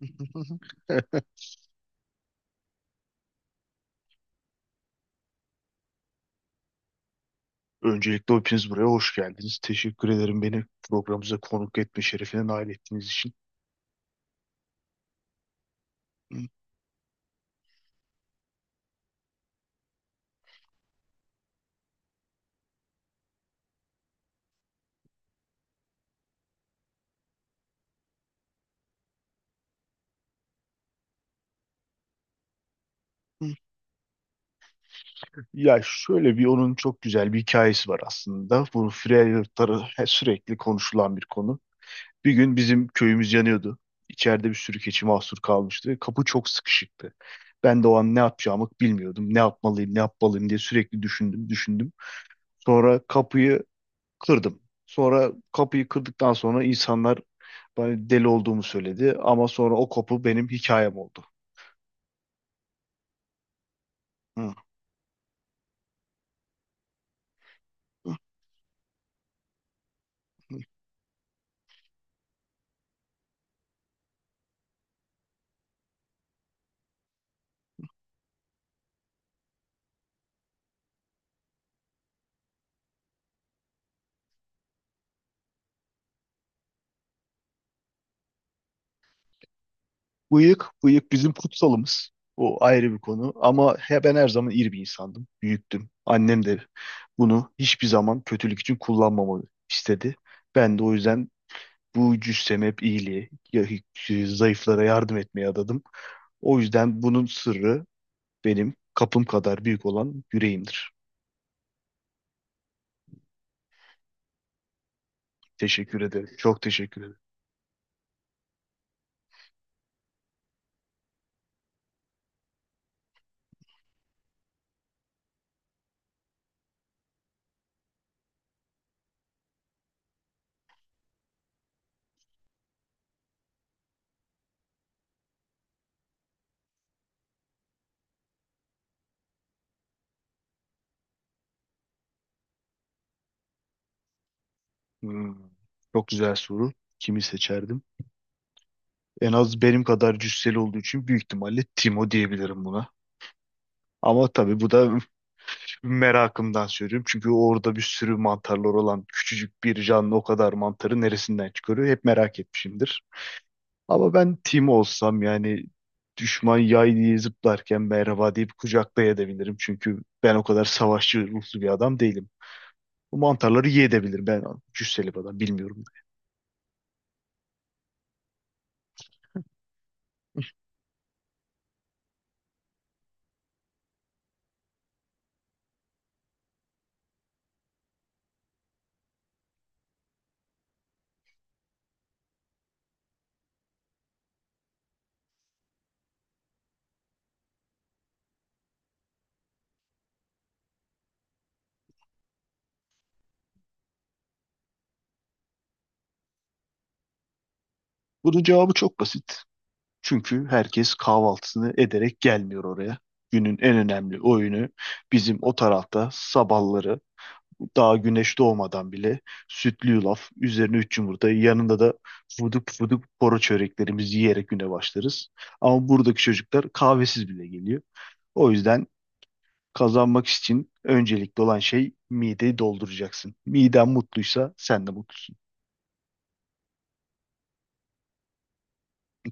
Öncelikle hepiniz buraya hoş geldiniz. Teşekkür ederim beni programımıza konuk etme şerefine nail ettiğiniz için. Hı, hı. Ya şöyle bir onun çok güzel bir hikayesi var aslında. Bu Freyalıkları sürekli konuşulan bir konu. Bir gün bizim köyümüz yanıyordu. İçeride bir sürü keçi mahsur kalmıştı. Kapı çok sıkışıktı. Ben de o an ne yapacağımı bilmiyordum. Ne yapmalıyım, ne yapmalıyım diye sürekli düşündüm, düşündüm. Sonra kapıyı kırdım. Sonra kapıyı kırdıktan sonra insanlar bana deli olduğumu söyledi. Ama sonra o kapı benim hikayem oldu. Hı. Bıyık, bıyık bizim kutsalımız. O ayrı bir konu. Ama he, ben her zaman iyi bir insandım. Büyüktüm. Annem de bunu hiçbir zaman kötülük için kullanmamamı istedi. Ben de o yüzden bu cüssemi hep iyiliğe, zayıflara yardım etmeye adadım. O yüzden bunun sırrı benim kapım kadar büyük olan yüreğimdir. Teşekkür ederim. Çok teşekkür ederim. Hmm, Çok güzel soru. Kimi seçerdim? En az benim kadar cüsseli olduğu için büyük ihtimalle Timo diyebilirim buna. Ama tabii bu da merakımdan söylüyorum. Çünkü orada bir sürü mantarlar olan küçücük bir canlı o kadar mantarı neresinden çıkarıyor? Hep merak etmişimdir. Ama ben Timo olsam yani düşman yay diye zıplarken merhaba deyip kucaklayabilirim. Çünkü ben o kadar savaşçı ruhlu bir adam değilim. Bu mantarları yiyebilirim. Ben cüsseli bir adam bilmiyorum. Bunun cevabı çok basit. Çünkü herkes kahvaltısını ederek gelmiyor oraya. Günün en önemli oyunu bizim o tarafta sabahları daha güneş doğmadan bile sütlü yulaf, üzerine üç yumurta, yanında da fuduk fuduk poro çöreklerimizi yiyerek güne başlarız. Ama buradaki çocuklar kahvesiz bile geliyor. O yüzden kazanmak için öncelikli olan şey mideyi dolduracaksın. Miden mutluysa sen de mutlusun.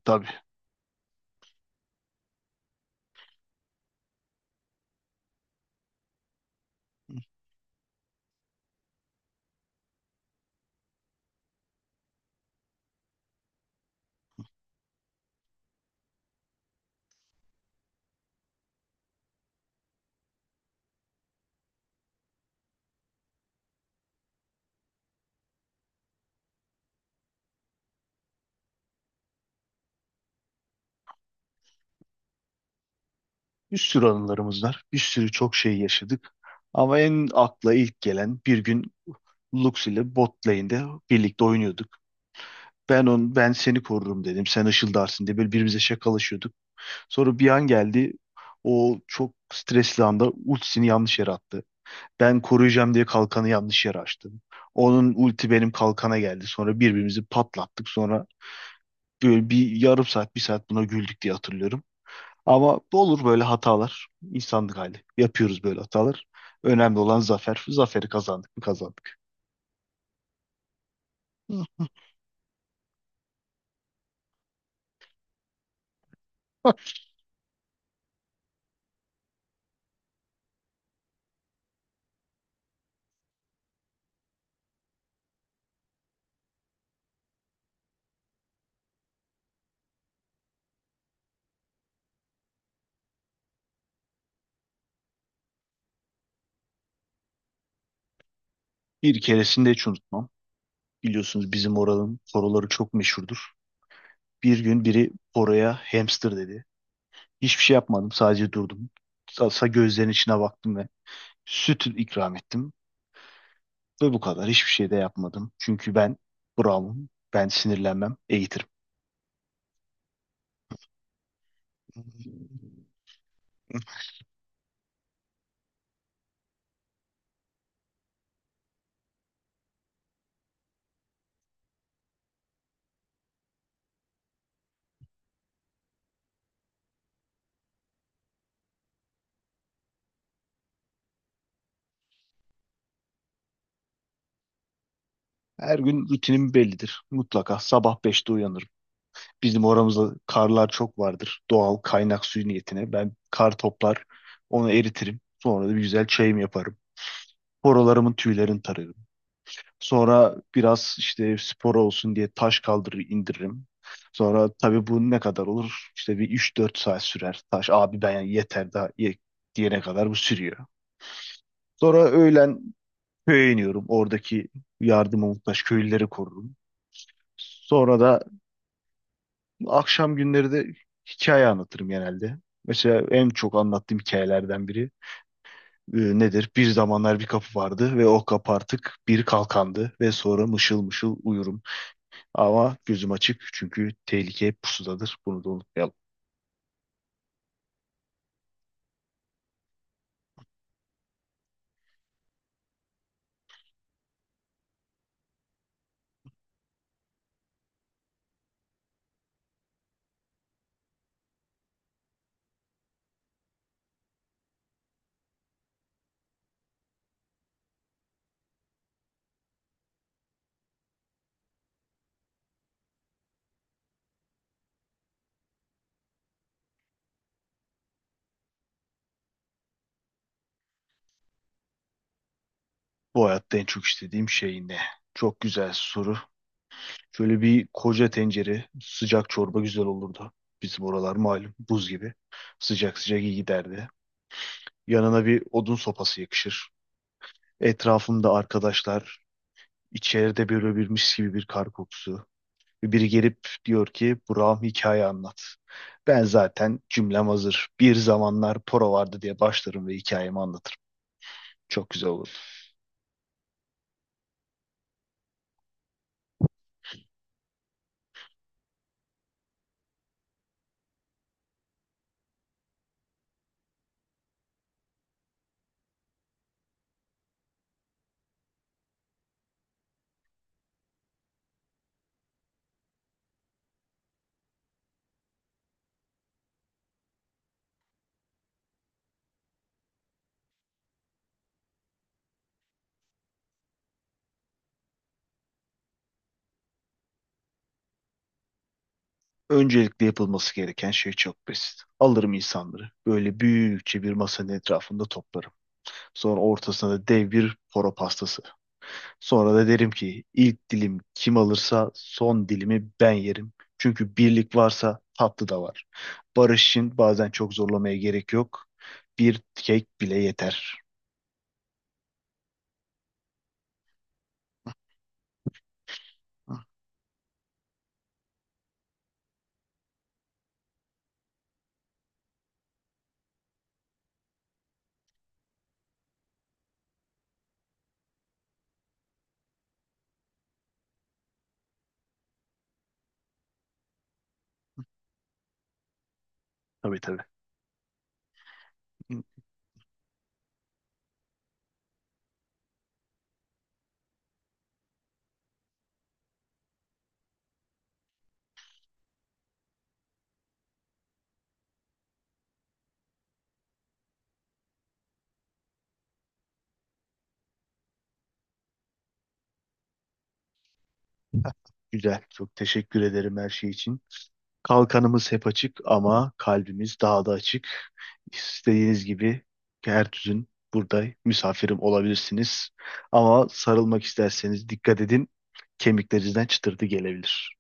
Tabii. Bir sürü anılarımız var. Bir sürü çok şey yaşadık. Ama en akla ilk gelen bir gün Lux ile bot lane'de birlikte oynuyorduk. Ben seni korurum dedim. Sen ışıldarsın diye böyle birbirimize şakalaşıyorduk. Sonra bir an geldi. O çok stresli anda ultisini yanlış yere attı. Ben koruyacağım diye kalkanı yanlış yere açtım. Onun ulti benim kalkana geldi. Sonra birbirimizi patlattık. Sonra böyle bir yarım saat, bir saat buna güldük diye hatırlıyorum. Ama olur böyle hatalar. İnsanlık hali. Yapıyoruz böyle hatalar. Önemli olan zafer. Zaferi kazandık mı kazandık. Hı. Bak. Bir keresinde hiç unutmam. Biliyorsunuz bizim oranın poroları çok meşhurdur. Bir gün biri poroya hamster dedi. Hiçbir şey yapmadım. Sadece durdum. Gözlerinin içine baktım ve süt ikram ettim. Ve bu kadar. Hiçbir şey de yapmadım. Çünkü ben Brown'um. Ben sinirlenmem. Eğitirim. Her gün rutinim bellidir. Mutlaka sabah 5'te uyanırım. Bizim oramızda karlar çok vardır. Doğal kaynak suyu niyetine. Ben kar toplar, onu eritirim. Sonra da bir güzel çayım yaparım. Horolarımın tüylerini tararım. Sonra biraz işte spor olsun diye taş kaldırır indiririm. Sonra tabii bu ne kadar olur? İşte bir 3-4 saat sürer. Taş abi ben yani yeter daha ye, diyene kadar bu sürüyor. Sonra öğlen köye iniyorum. Oradaki yardıma muhtaç köylüleri korurum. Sonra da akşam günleri de hikaye anlatırım genelde. Mesela en çok anlattığım hikayelerden biri nedir? Bir zamanlar bir kapı vardı ve o kapı artık bir kalkandı ve sonra mışıl mışıl uyurum. Ama gözüm açık çünkü tehlike hep pusudadır. Bunu da unutmayalım. Bu hayatta en çok istediğim şey ne? Çok güzel soru. Şöyle bir koca tencere sıcak çorba güzel olurdu. Bizim oralar malum buz gibi. Sıcak sıcak iyi giderdi. Yanına bir odun sopası yakışır. Etrafımda arkadaşlar, İçeride böyle birmiş gibi bir kar kokusu. Biri gelip diyor ki Burak'ım hikaye anlat. Ben zaten cümlem hazır. Bir zamanlar Poro vardı diye başlarım ve hikayemi anlatırım. Çok güzel olur. Öncelikle yapılması gereken şey çok basit. Alırım insanları. Böyle büyükçe bir masanın etrafında toplarım. Sonra ortasına da dev bir poro pastası. Sonra da derim ki ilk dilim kim alırsa son dilimi ben yerim. Çünkü birlik varsa tatlı da var. Barış için bazen çok zorlamaya gerek yok. Bir kek bile yeter. Hı. Tabii tabii. Hı. Güzel. Çok teşekkür ederim her şey için. Kalkanımız hep açık ama kalbimiz daha da açık. İstediğiniz gibi her düzün burada misafirim olabilirsiniz. Ama sarılmak isterseniz dikkat edin. Kemiklerinizden çıtırtı gelebilir.